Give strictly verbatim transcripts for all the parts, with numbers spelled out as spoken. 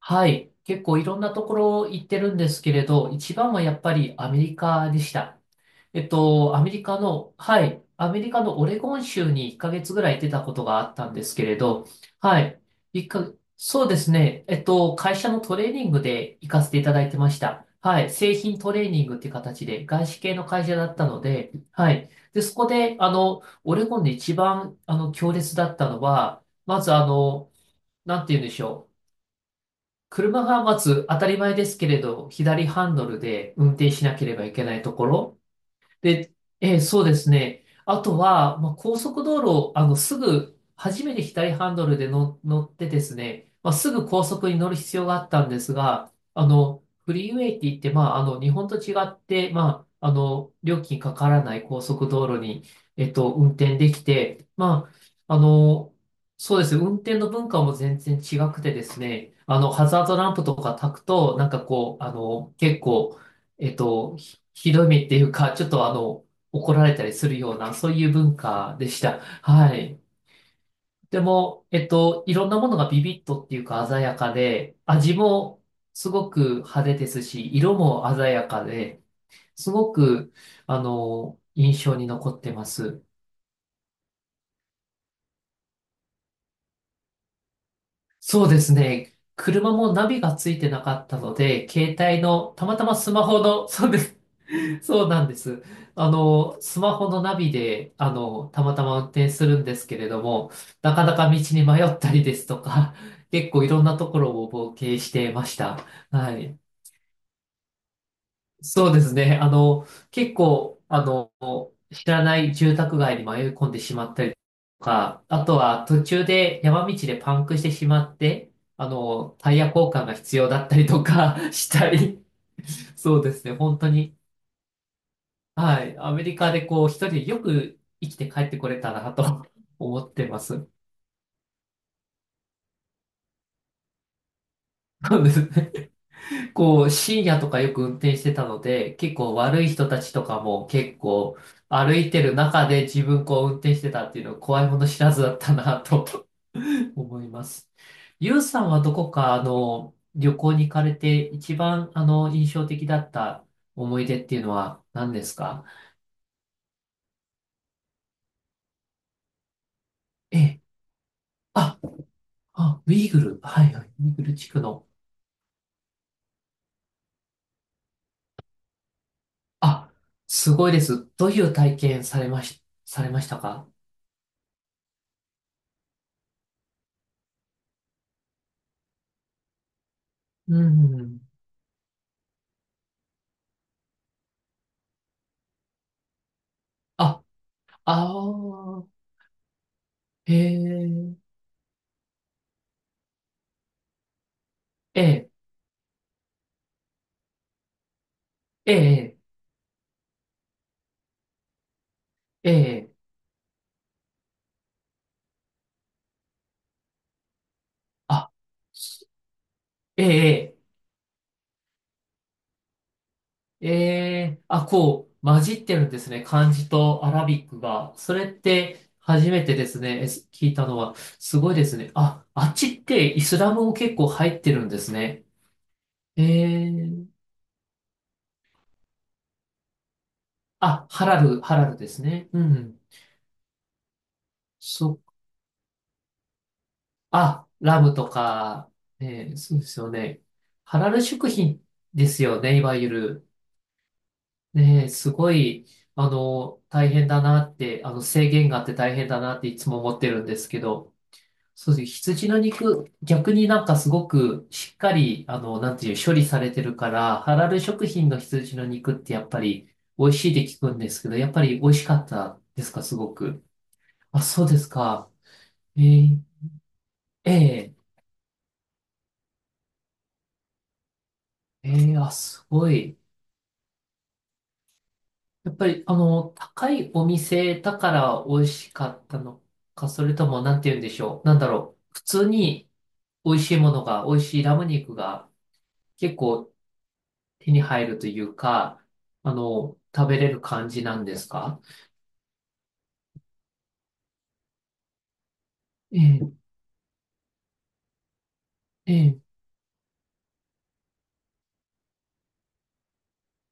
はい。結構いろんなところ行ってるんですけれど、一番はやっぱりアメリカでした。えっと、アメリカの、はい。アメリカのオレゴン州にいっかげつぐらい出たことがあったんですけれど、はい。一か、そうですね。えっと、会社のトレーニングで行かせていただいてました。はい。製品トレーニングっていう形で、外資系の会社だったので、はい。で、そこで、あの、オレゴンで一番、あの、強烈だったのは、まずあの、なんて言うんでしょう。車がまず当たり前ですけれど、左ハンドルで運転しなければいけないところ、で、えーそうですね。あとは、まあ、高速道路、あの、すぐ、初めて左ハンドルでの乗ってですね、まあ、すぐ高速に乗る必要があったんですが、あの、フリーウェイって言って、まあ、あの、日本と違って、まあ、あの、料金かからない高速道路に、えっと、運転できて、まあ、あの、そうですね、運転の文化も全然違くてですね、あの、ハザードランプとか焚くと、なんかこう、あの、結構、えっと、ひどい目っていうか、ちょっとあの、怒られたりするような、そういう文化でした。はい。でも、えっと、いろんなものがビビッとっていうか鮮やかで、味もすごく派手ですし、色も鮮やかで、すごく、あの、印象に残ってます。そうですね。車もナビがついてなかったので、携帯の、たまたまスマホの、そうです。そうなんです。あの、スマホのナビで、あの、たまたま運転するんですけれども、なかなか道に迷ったりですとか、結構いろんなところを冒険してました。はい。そうですね。あの、結構、あの、知らない住宅街に迷い込んでしまったりとか、あとは途中で山道でパンクしてしまって、あの、タイヤ交換が必要だったりとか したり、そうですね。本当に。はい。アメリカでこう、一人でよく生きて帰ってこれたなと 思ってます。そうですね。こう、深夜とかよく運転してたので、結構悪い人たちとかも結構歩いてる中で自分こう運転してたっていうのは怖いもの知らずだったなと 思います。ゆうさんはどこかあの、旅行に行かれて一番あの、印象的だった思い出っていうのは何ですか？ええ、あ、あ、ウイグル。はいはい。ウイグル地区の。あ、すごいです。どういう体験されまし、されましたか？うんうん。あ、ああ、ええ、ええ、ええ、ええ、あ、すええ、ええ、あ、こう、混じってるんですね。漢字とアラビックが。それって初めてですね。えす聞いたのは。すごいですね。あ、あっちってイスラムも結構入ってるんですね。ええ、あ、ハラル、ハラルですね。うんうん。そあ、ラムとか、ね、そうですよね。ハラル食品ですよね、いわゆる。ね、すごい、あの、大変だなって、あの、制限があって大変だなっていつも思ってるんですけど、そうですね。羊の肉、逆になんかすごくしっかり、あの、なんていう、処理されてるから、ハラル食品の羊の肉ってやっぱり美味しいって聞くんですけど、やっぱり美味しかったですか、すごく。あ、そうですか。えーええええあ、すごい。やっぱり、あの、高いお店だから美味しかったのか、それとも、なんて言うんでしょう。なんだろう。普通に美味しいものが、美味しいラム肉が結構手に入るというか、あの、食べれる感じなんですか？ええ、ええ、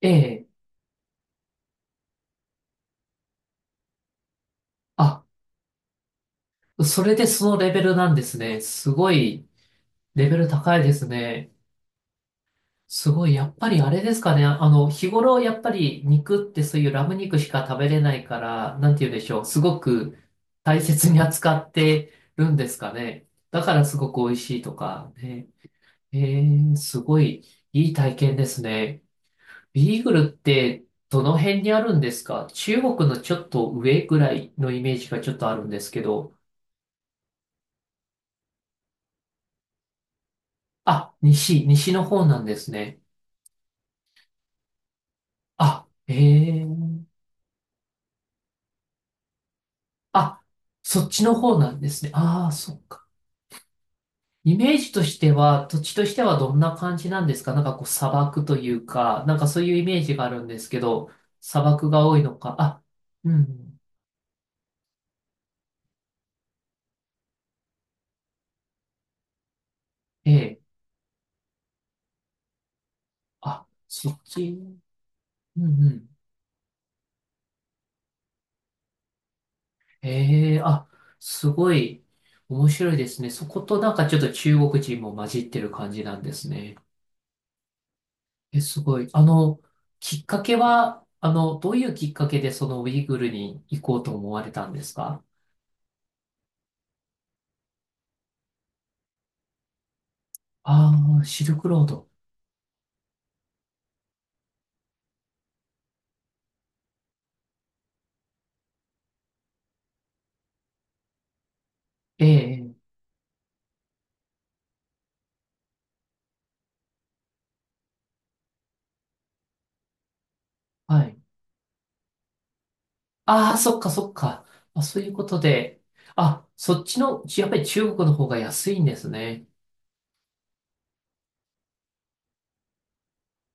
ええ。あ、それでそのレベルなんですね。すごい、レベル高いですね。すごい、やっぱりあれですかね。あの、日頃やっぱり肉ってそういうラム肉しか食べれないから、なんて言うんでしょう。すごく大切に扱ってるんですかね。だからすごく美味しいとかね。えー、すごいいい体験ですね。ビーグルってどの辺にあるんですか？中国のちょっと上ぐらいのイメージがちょっとあるんですけど。あ、西、西の方なんですね。あ、えー、あ、そっちの方なんですね。ああ、そっか。イメージとしては、土地としてはどんな感じなんですか？なんかこう砂漠というか、なんかそういうイメージがあるんですけど、砂漠が多いのか。あ、うん、ええ、あ、そっち、うんうん。ええ、あ、すごい面白いですね。そことなんかちょっと中国人も混じってる感じなんですね。え、すごい。あの、きっかけは、あの、どういうきっかけでそのウイグルに行こうと思われたんですか？ああー、シルクロード。ええ、ええ、はい。ああ、そっかそっか。あ、そういうことで。あ、そっちの、やっぱり中国の方が安いんですね。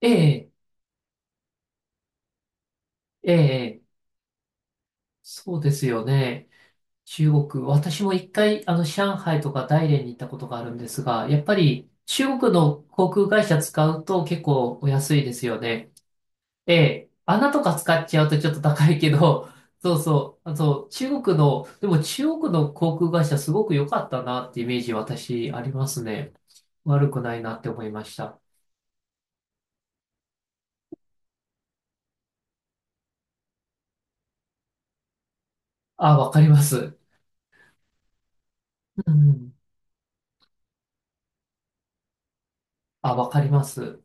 ええ、ええ、そうですよね。中国、私も一回、あの、上海とか大連に行ったことがあるんですが、やっぱり中国の航空会社使うと結構お安いですよね。ええ、穴とか使っちゃうとちょっと高いけど、そうそう、あと中国の、でも中国の航空会社すごく良かったなってイメージ私ありますね。悪くないなって思いました。あ、わかります。うん。あ、わかります。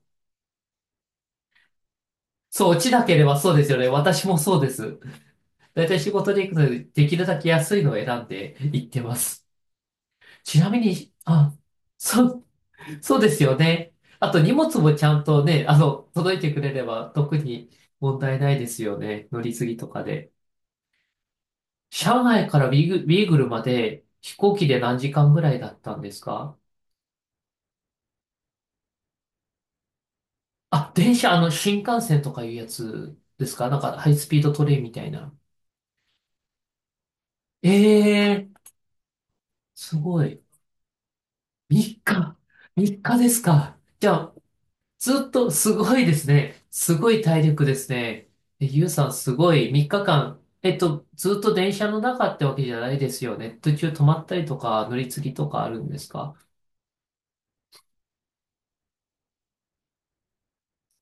そう、落ちなければそうですよね。私もそうです。だいたい仕事で行くので、できるだけ安いのを選んで行ってます。ちなみに、あ、そう、そうですよね。あと荷物もちゃんとね、あの、届いてくれれば特に問題ないですよね。乗り継ぎとかで。上海からビーグ、ビーグルまで飛行機で何時間ぐらいだったんですか？あ、電車、あの、新幹線とかいうやつですか？なんかハイスピードトレインみたいな。ええー、すごい。みっか。みっかですか？じゃあ、ずっと、すごいですね。すごい体力ですね。えゆうさん、すごい、みっかかん、えっと、ずっと電車の中ってわけじゃないですよね。途中止まったりとか、乗り継ぎとかあるんですか？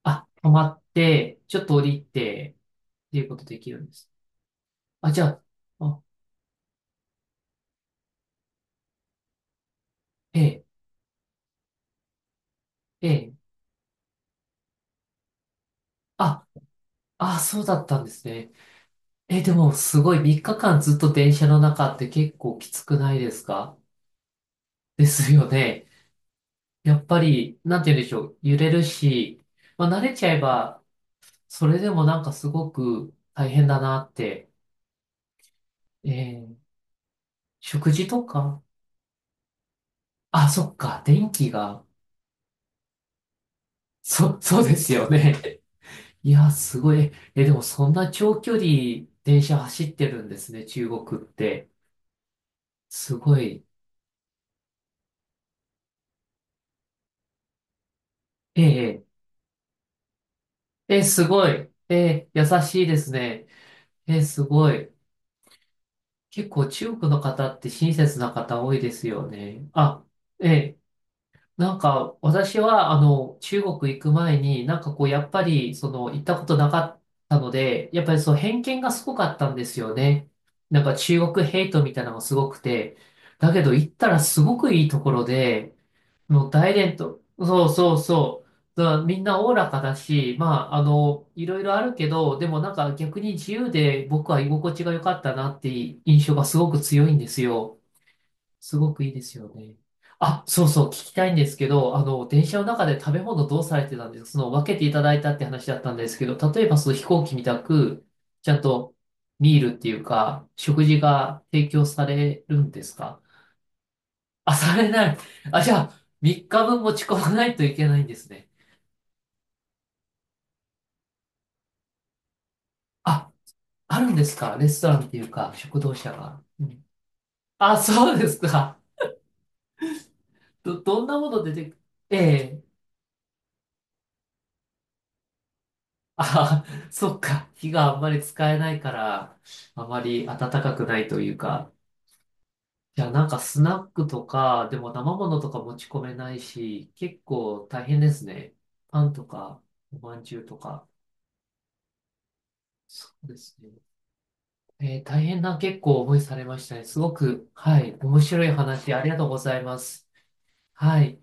あ、止まって、ちょっと降りて、っていうことできるんです。あ、じゃあ、あ、ええ、ええ、あ、あ、そうだったんですね。え、でも、すごい、みっかかんずっと電車の中って結構きつくないですか？ですよね。やっぱり、なんて言うんでしょう、揺れるし、まあ、慣れちゃえば、それでもなんかすごく大変だなって。えー、食事とかあ、そっか、電気が。そ、そうですよね。いや、すごい。え、でもそんな長距離電車走ってるんですね、中国って。すごい。ええ、え、すごい。え、優しいですね。え、すごい。結構中国の方って親切な方多いですよね。あ、えなんか、私は、あの、中国行く前に、なんかこう、やっぱり、その、行ったことなかったので、やっぱりその偏見がすごかったんですよね。なんか中国ヘイトみたいなのがすごくて、だけど行ったらすごくいいところで、もう大連と、そうそうそう、だからみんなおおらかだし、まあ、あの、いろいろあるけど、でもなんか逆に自由で僕は居心地が良かったなっていう印象がすごく強いんですよ。すごくいいですよね。あ、そうそう、聞きたいんですけど、あの、電車の中で食べ物どうされてたんですか？その、分けていただいたって話だったんですけど、例えばその飛行機みたく、ちゃんとミールっていうか、食事が提供されるんですか？あ、されない。あ、じゃあ、みっかぶん持ち込まないといけないんですね。あ、あるんですか？レストランっていうか、食堂車が。うん、あ、そうですか。ど、どんなもの出てく、ええ あ、そっか。火があんまり使えないから、あまり暖かくないというか。いや、なんかスナックとか、でも生ものとか持ち込めないし、結構大変ですね。パンとか、おまんじゅうとか。そうですね。えー大変な結構思いされましたね。すごく、はい、面白い話ありがとうございます。はい。